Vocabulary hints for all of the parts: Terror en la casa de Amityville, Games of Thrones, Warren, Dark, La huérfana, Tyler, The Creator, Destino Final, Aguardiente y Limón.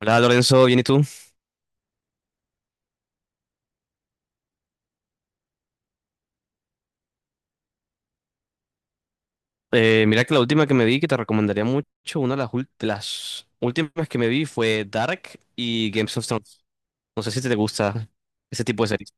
Hola Lorenzo, bien y tú. Mira que la última que me vi que te recomendaría mucho, una de de las últimas que me vi fue Dark y Games of Thrones. No sé si te gusta ese tipo de series.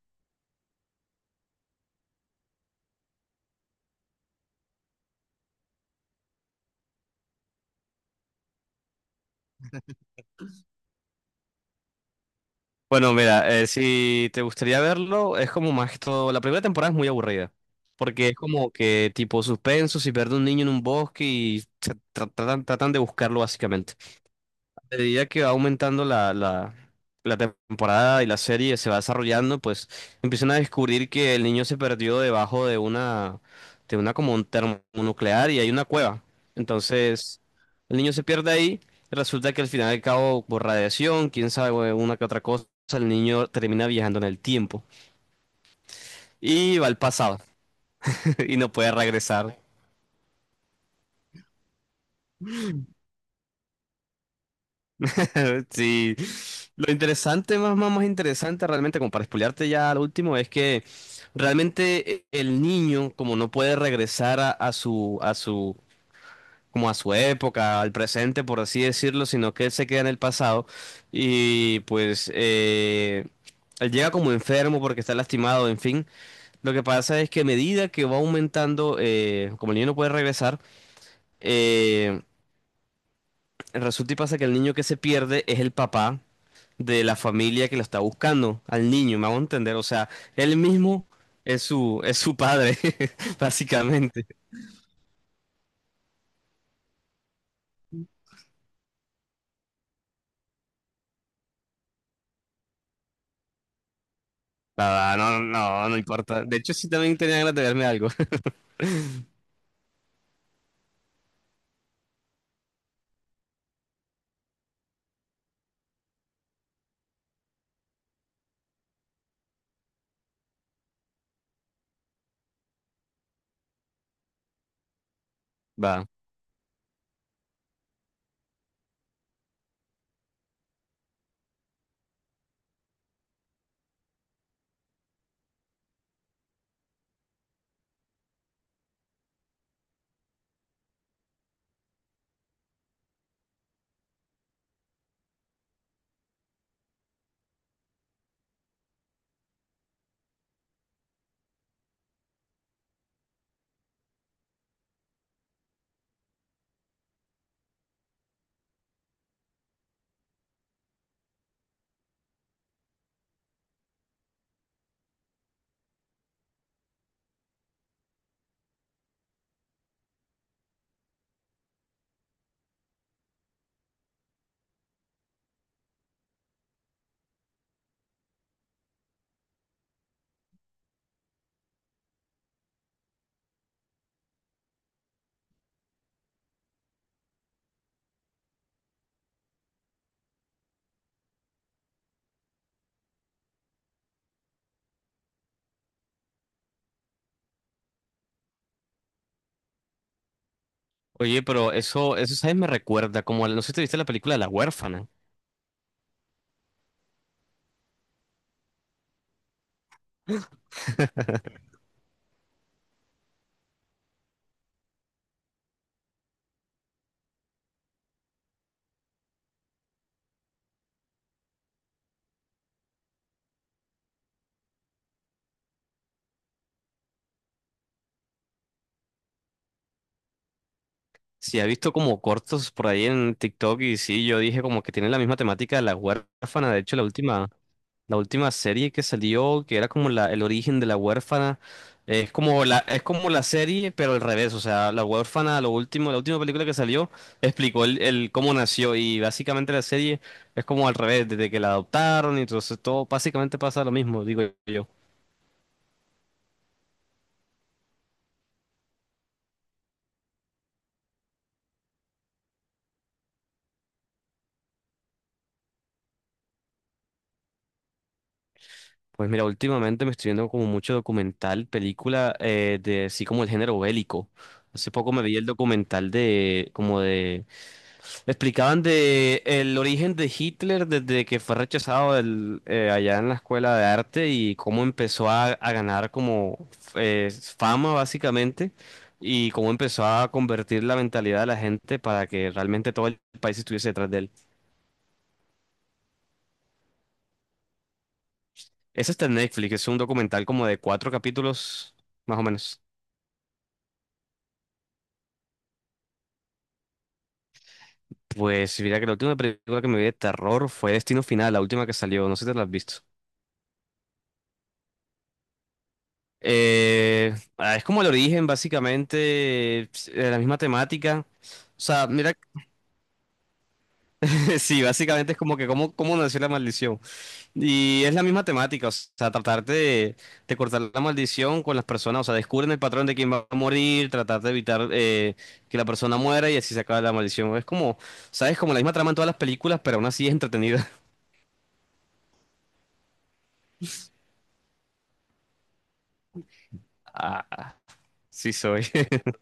Bueno, mira, si te gustaría verlo, es como más que todo. La primera temporada es muy aburrida porque es como que tipo suspenso, si pierde un niño en un bosque y se tratan de buscarlo básicamente. A medida que va aumentando la temporada y la serie se va desarrollando, pues empiezan a descubrir que el niño se perdió debajo de de una como un termonuclear y hay una cueva. Entonces, el niño se pierde ahí, resulta que al final del cabo, por radiación, quién sabe, una que otra cosa, el niño termina viajando en el tiempo y va al pasado y no puede regresar. Sí, lo interesante, más interesante realmente, como para spoilearte ya al último, es que realmente el niño, como no puede regresar a su, como a su época, al presente, por así decirlo, sino que él se queda en el pasado y pues él llega como enfermo porque está lastimado, en fin. Lo que pasa es que a medida que va aumentando, como el niño no puede regresar, eh, resulta y pasa que el niño que se pierde es el papá de la familia que lo está buscando, al niño, me hago entender. O sea, él mismo es su padre, básicamente. Va, va, no, no, no importa. De hecho, sí también tenía ganas de verme algo. Va. Oye, pero eso, ¿sabes? Me recuerda, como, al- no sé si te viste la película La huérfana. Sí, he visto como cortos por ahí en TikTok y sí, yo dije como que tiene la misma temática de La huérfana. De hecho, la última. La última serie que salió, que era como el origen de la huérfana, es como es como la serie, pero al revés. O sea, la huérfana, lo último, la última película que salió, explicó el cómo nació. Y básicamente la serie es como al revés, desde que la adoptaron, y entonces todo básicamente pasa lo mismo, digo yo. Pues mira, últimamente me estoy viendo como mucho documental, película, de así como el género bélico. Hace poco me vi el documental de. Explicaban de el origen de Hitler desde que fue rechazado allá en la escuela de arte y cómo empezó a ganar como eh, fama básicamente y cómo empezó a convertir la mentalidad de la gente para que realmente todo el país estuviese detrás de él. Ese está en Netflix, es un documental como de 4 capítulos más o menos. Pues mira que la última película que me vi de terror fue Destino Final, la última que salió, no sé si te la has visto. Es como el origen, básicamente, la misma temática. O sea, mira, sí, básicamente es como que cómo, cómo nació la maldición. Y es la misma temática, o sea, tratar de cortar la maldición con las personas, o sea, descubren el patrón de quién va a morir, tratar de evitar que la persona muera y así se acaba la maldición. Es como, ¿sabes? Como la misma trama en todas las películas, pero aún así es entretenida. Ah, sí soy.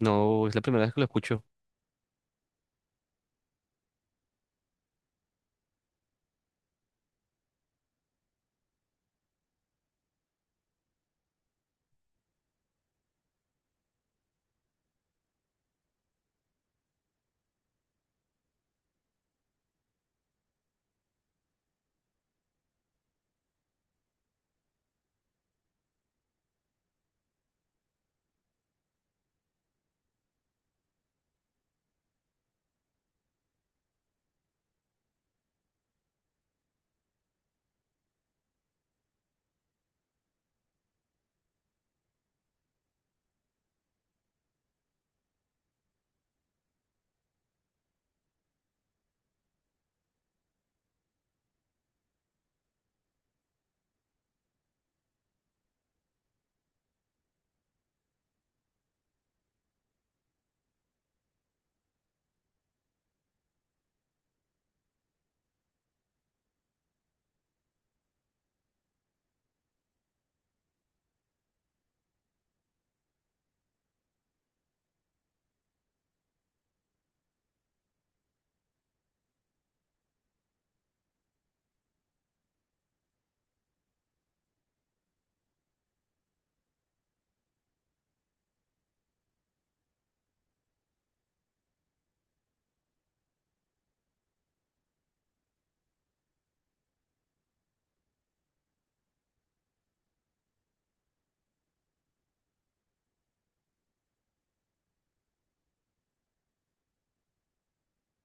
No, es la primera vez que lo escucho.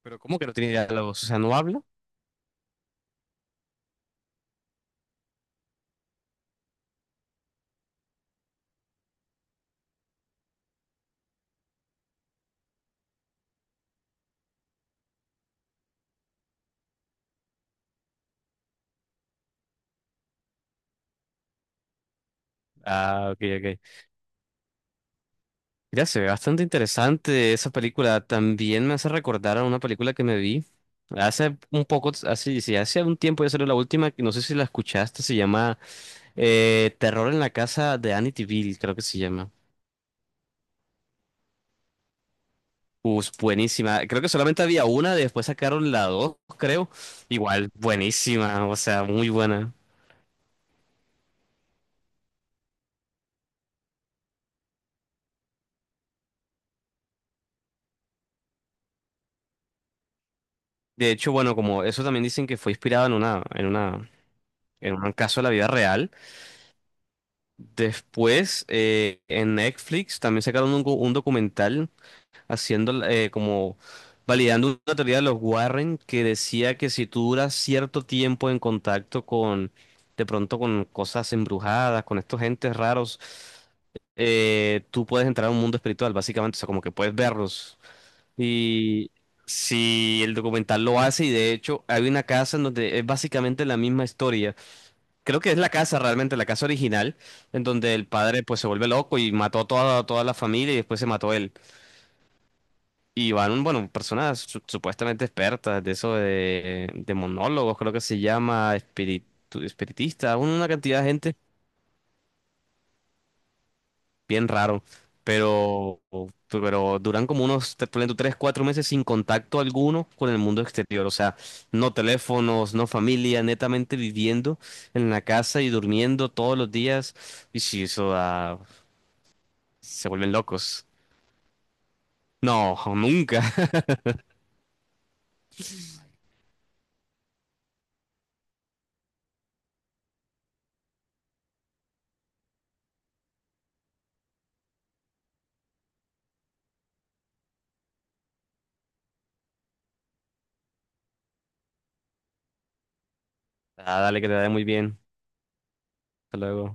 Pero ¿cómo que no tiene diálogos? O sea, ¿no habla? Ah, ok, ok. Ya se ve bastante interesante esa película. También me hace recordar a una película que me vi hace un poco, hace, sí, hace un tiempo ya salió la última, que no sé si la escuchaste, se llama Terror en la casa de Amityville, creo que se llama. Pues buenísima. Creo que solamente había una, después sacaron la dos, creo. Igual, buenísima, o sea, muy buena. De hecho, bueno, como eso también dicen que fue inspirado en una, en un caso de la vida real. Después, en Netflix también sacaron un documental haciendo como validando una teoría de los Warren que decía que si tú duras cierto tiempo en contacto con, de pronto con cosas embrujadas, con estos entes raros, tú puedes entrar a un mundo espiritual, básicamente, o sea, como que puedes verlos. Y si el documental lo hace, y de hecho hay una casa en donde es básicamente la misma historia. Creo que es la casa realmente, la casa original, en donde el padre pues se vuelve loco y mató a toda la familia y después se mató él. Y van, bueno, personas supuestamente expertas de eso de monólogos, creo que se llama, espiritista, una cantidad de gente bien raro, pero, pero duran como unos ponle tú, 3, 4 meses sin contacto alguno con el mundo exterior, o sea, no teléfonos, no familia, netamente viviendo en la casa y durmiendo todos los días, y si eso da, se vuelven locos. No, nunca. Ah, dale, que te da muy bien. Hasta luego.